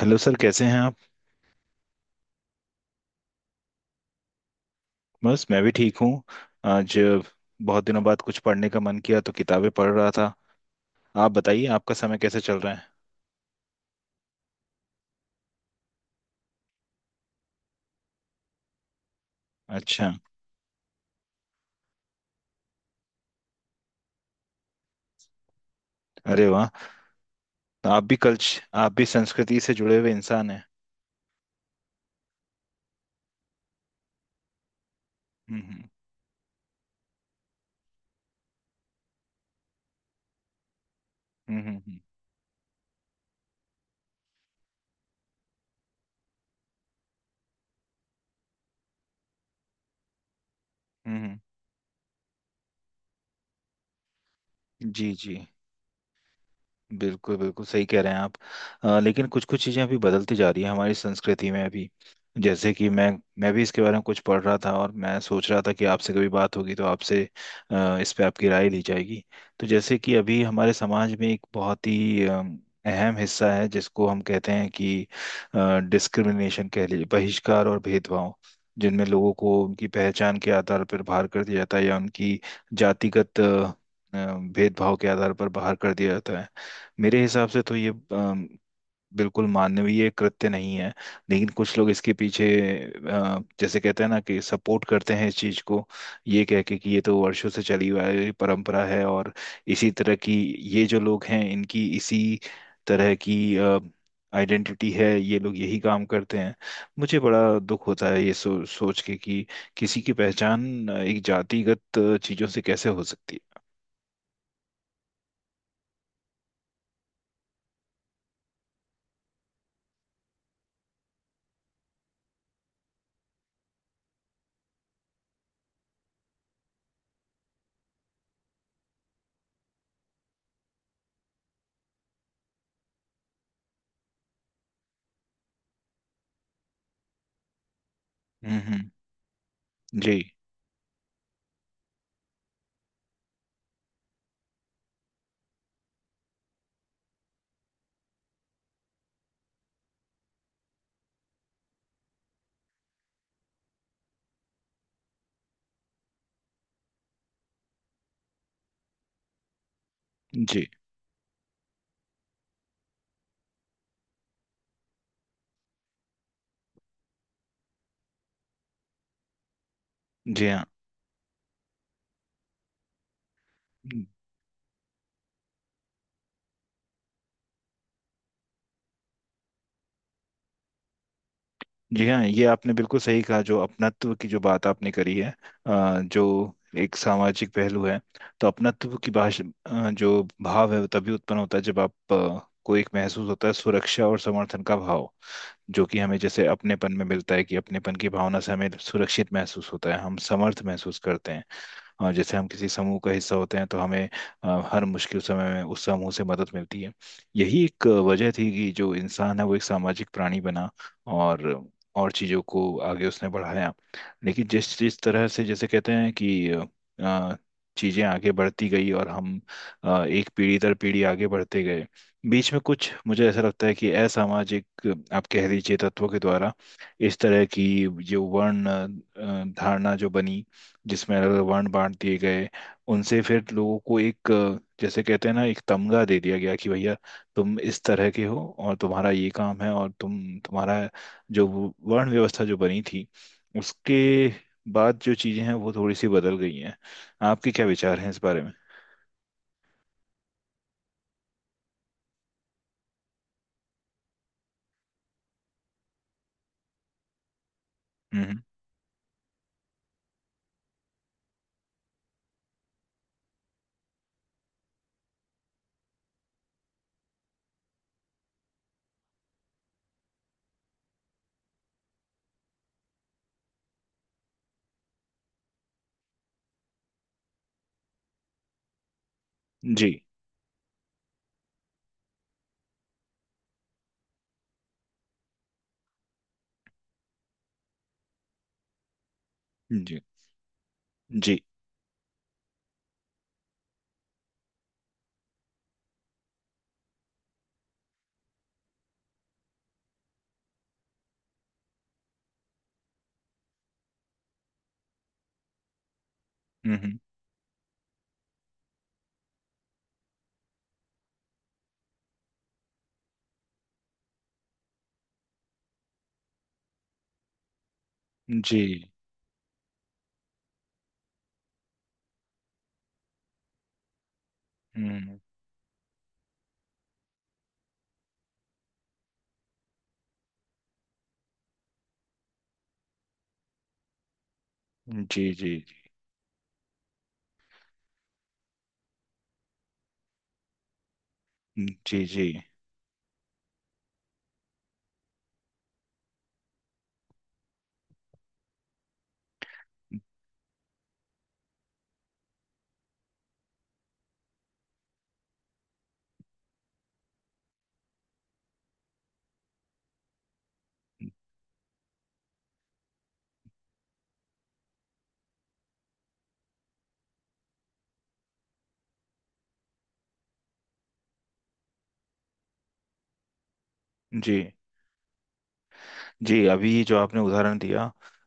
Hello sir, कैसे हैं आप। बस मैं भी ठीक हूँ। आज बहुत दिनों बाद कुछ पढ़ने का मन किया तो किताबें पढ़ रहा था। आप बताइए, आपका समय कैसे चल रहा है। अच्छा। अरे वाह, तो आप भी कल्च आप भी संस्कृति से जुड़े हुए इंसान हैं। हम्म, हम्म। हम्म, हम्म। हम्म। जी जी, बिल्कुल बिल्कुल सही कह रहे हैं आप। लेकिन कुछ कुछ चीज़ें अभी बदलती जा रही है हमारी संस्कृति में अभी। जैसे कि मैं भी इसके बारे में कुछ पढ़ रहा था और मैं सोच रहा था कि आपसे कभी बात होगी तो आपसे इस पे आपकी राय ली जाएगी। तो जैसे कि अभी हमारे समाज में एक बहुत ही अहम हिस्सा है जिसको हम कहते हैं कि डिस्क्रिमिनेशन कह लीजिए, बहिष्कार और भेदभाव, जिनमें लोगों को उनकी पहचान के आधार पर बाहर कर दिया जाता है, या उनकी जातिगत भेदभाव के आधार पर बाहर कर दिया जाता है। मेरे हिसाब से तो ये बिल्कुल मानवीय कृत्य नहीं है। लेकिन कुछ लोग इसके पीछे जैसे कहते हैं ना कि सपोर्ट करते हैं इस चीज को। ये कह के कि ये तो वर्षों से चली हुई है, परंपरा है, और इसी तरह की ये जो लोग हैं इनकी इसी तरह की आइडेंटिटी है, ये लोग यही काम करते हैं। मुझे बड़ा दुख होता है ये सोच के कि किसी की पहचान एक जातिगत चीजों से कैसे हो सकती है। हम्म, हम्म। जी। जी जी। हाँ जी, हाँ, ये आपने बिल्कुल सही कहा। जो अपनत्व की जो बात आपने करी है, जो एक सामाजिक पहलू है, तो अपनत्व की भाषा जो भाव है वो तभी उत्पन्न होता है जब आप को एक महसूस होता है सुरक्षा और समर्थन का भाव। जो कि हमें जैसे अपनेपन में मिलता है, कि अपनेपन की भावना से हमें सुरक्षित महसूस होता है, हम समर्थ महसूस करते हैं। जैसे हम किसी समूह का हिस्सा होते हैं तो हमें हर मुश्किल समय में उस समूह से मदद मिलती है। यही एक वजह थी कि जो इंसान है वो एक सामाजिक प्राणी बना, और और चीज़ों को आगे उसने बढ़ाया। लेकिन जिस जिस तरह से जैसे कहते हैं कि चीज़ें आगे बढ़ती गई और हम एक पीढ़ी दर पीढ़ी आगे बढ़ते गए, बीच में कुछ मुझे ऐसा लगता है कि असामाजिक, आप कह लीजिए, तत्वों के द्वारा इस तरह की जो वर्ण धारणा जो बनी, जिसमें अलग अलग वर्ण बांट दिए गए, उनसे फिर लोगों को एक जैसे कहते हैं ना एक तमगा दे दिया गया कि भैया तुम इस तरह के हो और तुम्हारा ये काम है और तुम्हारा जो वो वर्ण व्यवस्था जो बनी थी, उसके बाद जो चीजें हैं वो थोड़ी सी बदल गई हैं। आपके क्या विचार हैं इस बारे में। हम्म, जी। जी जी। हम्म, जी। हम्म। जी जी जी। जी जी जी। जी, अभी जो आपने उदाहरण दिया,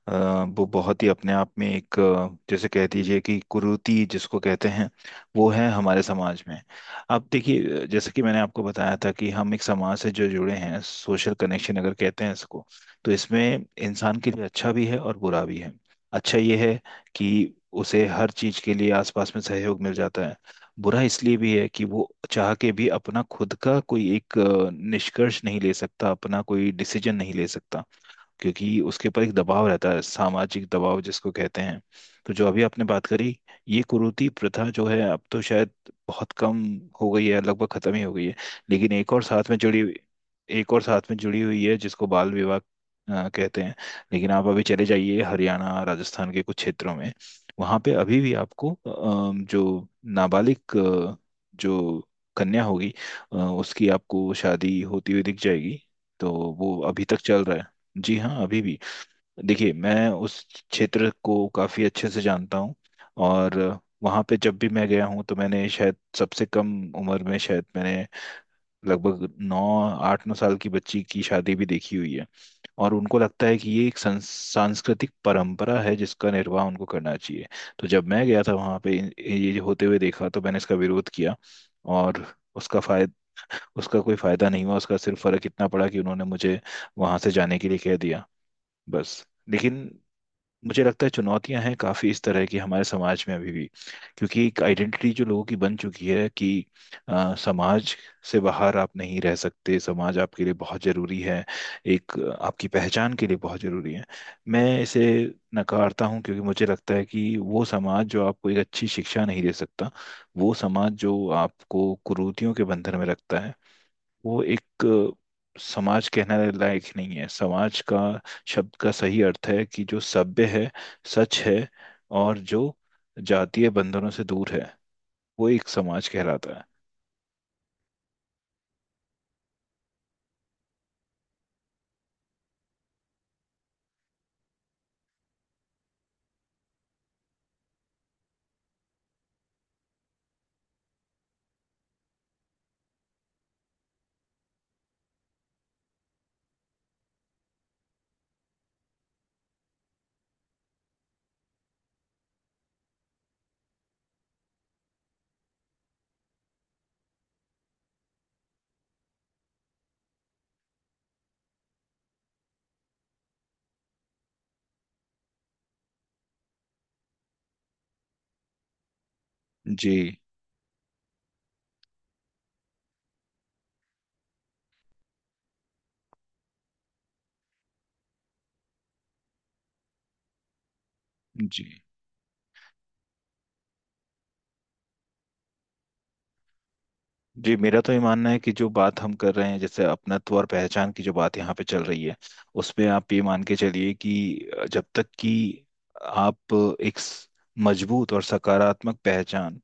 अ, वो बहुत ही अपने आप में एक जैसे कह दीजिए कि कुरीति जिसको कहते हैं, वो है हमारे समाज में। अब देखिए, जैसे कि मैंने आपको बताया था कि हम एक समाज से जो जुड़े हैं, सोशल कनेक्शन अगर कहते हैं इसको, तो इसमें इंसान के लिए अच्छा भी है और बुरा भी है। अच्छा ये है कि उसे हर चीज के लिए आसपास में सहयोग मिल जाता है। बुरा इसलिए भी है कि वो चाह के भी अपना खुद का कोई एक निष्कर्ष नहीं ले सकता, अपना कोई डिसीजन नहीं ले सकता, क्योंकि उसके ऊपर एक दबाव रहता है, सामाजिक दबाव जिसको कहते हैं। तो जो अभी आपने बात करी, ये कुरीति प्रथा जो है अब तो शायद बहुत कम हो गई है, लगभग खत्म ही हो गई है। लेकिन एक और साथ में जुड़ी हुई एक और साथ में जुड़ी हुई है जिसको बाल विवाह कहते हैं। लेकिन आप अभी चले जाइए हरियाणा राजस्थान के कुछ क्षेत्रों में, वहां पे अभी भी आपको जो नाबालिग जो कन्या होगी, उसकी आपको शादी होती हुई दिख जाएगी। तो वो अभी तक चल रहा है। जी हाँ, अभी भी। देखिए, मैं उस क्षेत्र को काफ़ी अच्छे से जानता हूँ। और वहाँ पे जब भी मैं गया हूँ तो मैंने शायद सबसे कम उम्र में, शायद मैंने, लगभग नौ आठ नौ साल की बच्ची की शादी भी देखी हुई है। और उनको लगता है कि ये एक सांस्कृतिक परंपरा है जिसका निर्वाह उनको करना चाहिए। तो जब मैं गया था वहाँ पे ये होते हुए देखा तो मैंने इसका विरोध किया। और उसका फायदा उसका कोई फायदा नहीं हुआ, उसका सिर्फ फर्क इतना पड़ा कि उन्होंने मुझे वहां से जाने के लिए कह दिया। बस, लेकिन मुझे लगता है चुनौतियां हैं काफ़ी इस तरह की हमारे समाज में अभी भी। क्योंकि एक आइडेंटिटी जो लोगों की बन चुकी है कि समाज से बाहर आप नहीं रह सकते, समाज आपके लिए बहुत ज़रूरी है, एक आपकी पहचान के लिए बहुत ज़रूरी है। मैं इसे नकारता हूँ, क्योंकि मुझे लगता है कि वो समाज जो आपको एक अच्छी शिक्षा नहीं दे सकता, वो समाज जो आपको कुरीतियों के बंधन में रखता है, वो एक समाज कहने लायक ही नहीं है। समाज का शब्द का सही अर्थ है कि जो सभ्य है, सच है, और जो जातीय बंधनों से दूर है, वो एक समाज कहलाता है। जी जी जी, मेरा तो ये मानना है कि जो बात हम कर रहे हैं, जैसे अपनत्व और पहचान की जो बात यहाँ पे चल रही है, उसमें आप ये मान के चलिए कि जब तक कि आप एक मजबूत और सकारात्मक पहचान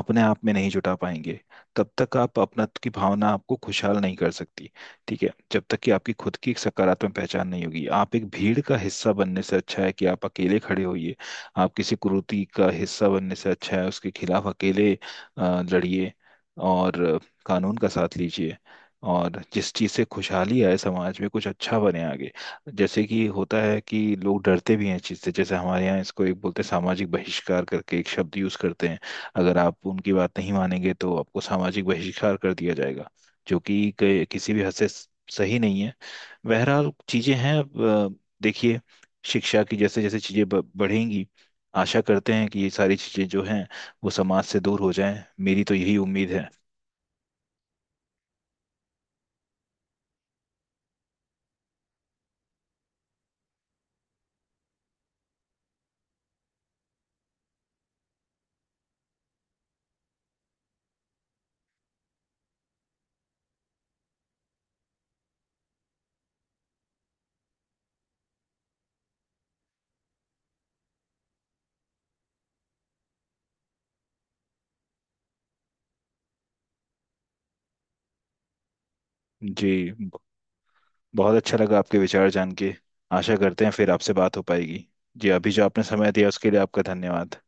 अपने आप में नहीं जुटा पाएंगे, तब तक आप अपनत्व की भावना आपको खुशहाल नहीं कर सकती। ठीक है, जब तक कि आपकी खुद की एक सकारात्मक पहचान नहीं होगी, आप एक भीड़ का हिस्सा बनने से अच्छा है कि आप अकेले खड़े होइए। आप किसी कुरीति का हिस्सा बनने से अच्छा है उसके खिलाफ अकेले लड़िए, और कानून का साथ लीजिए। और जिस चीज़ से खुशहाली आए, समाज में कुछ अच्छा बने आगे। जैसे कि होता है कि लोग डरते भी हैं इस चीज़ से, जैसे हमारे यहाँ इसको एक बोलते हैं सामाजिक बहिष्कार करके, एक शब्द यूज़ करते हैं। अगर आप उनकी बात नहीं मानेंगे तो आपको सामाजिक बहिष्कार कर दिया जाएगा, जो कि किसी भी हद से सही नहीं है। बहरहाल, चीजें हैं अब, देखिए, शिक्षा की जैसे जैसे चीजें बढ़ेंगी, आशा करते हैं कि ये सारी चीजें जो हैं वो समाज से दूर हो जाएं, मेरी तो यही उम्मीद है। जी ब- बहुत अच्छा लगा आपके विचार जान के। आशा करते हैं फिर आपसे बात हो पाएगी। जी, अभी जो आपने समय दिया उसके लिए आपका धन्यवाद।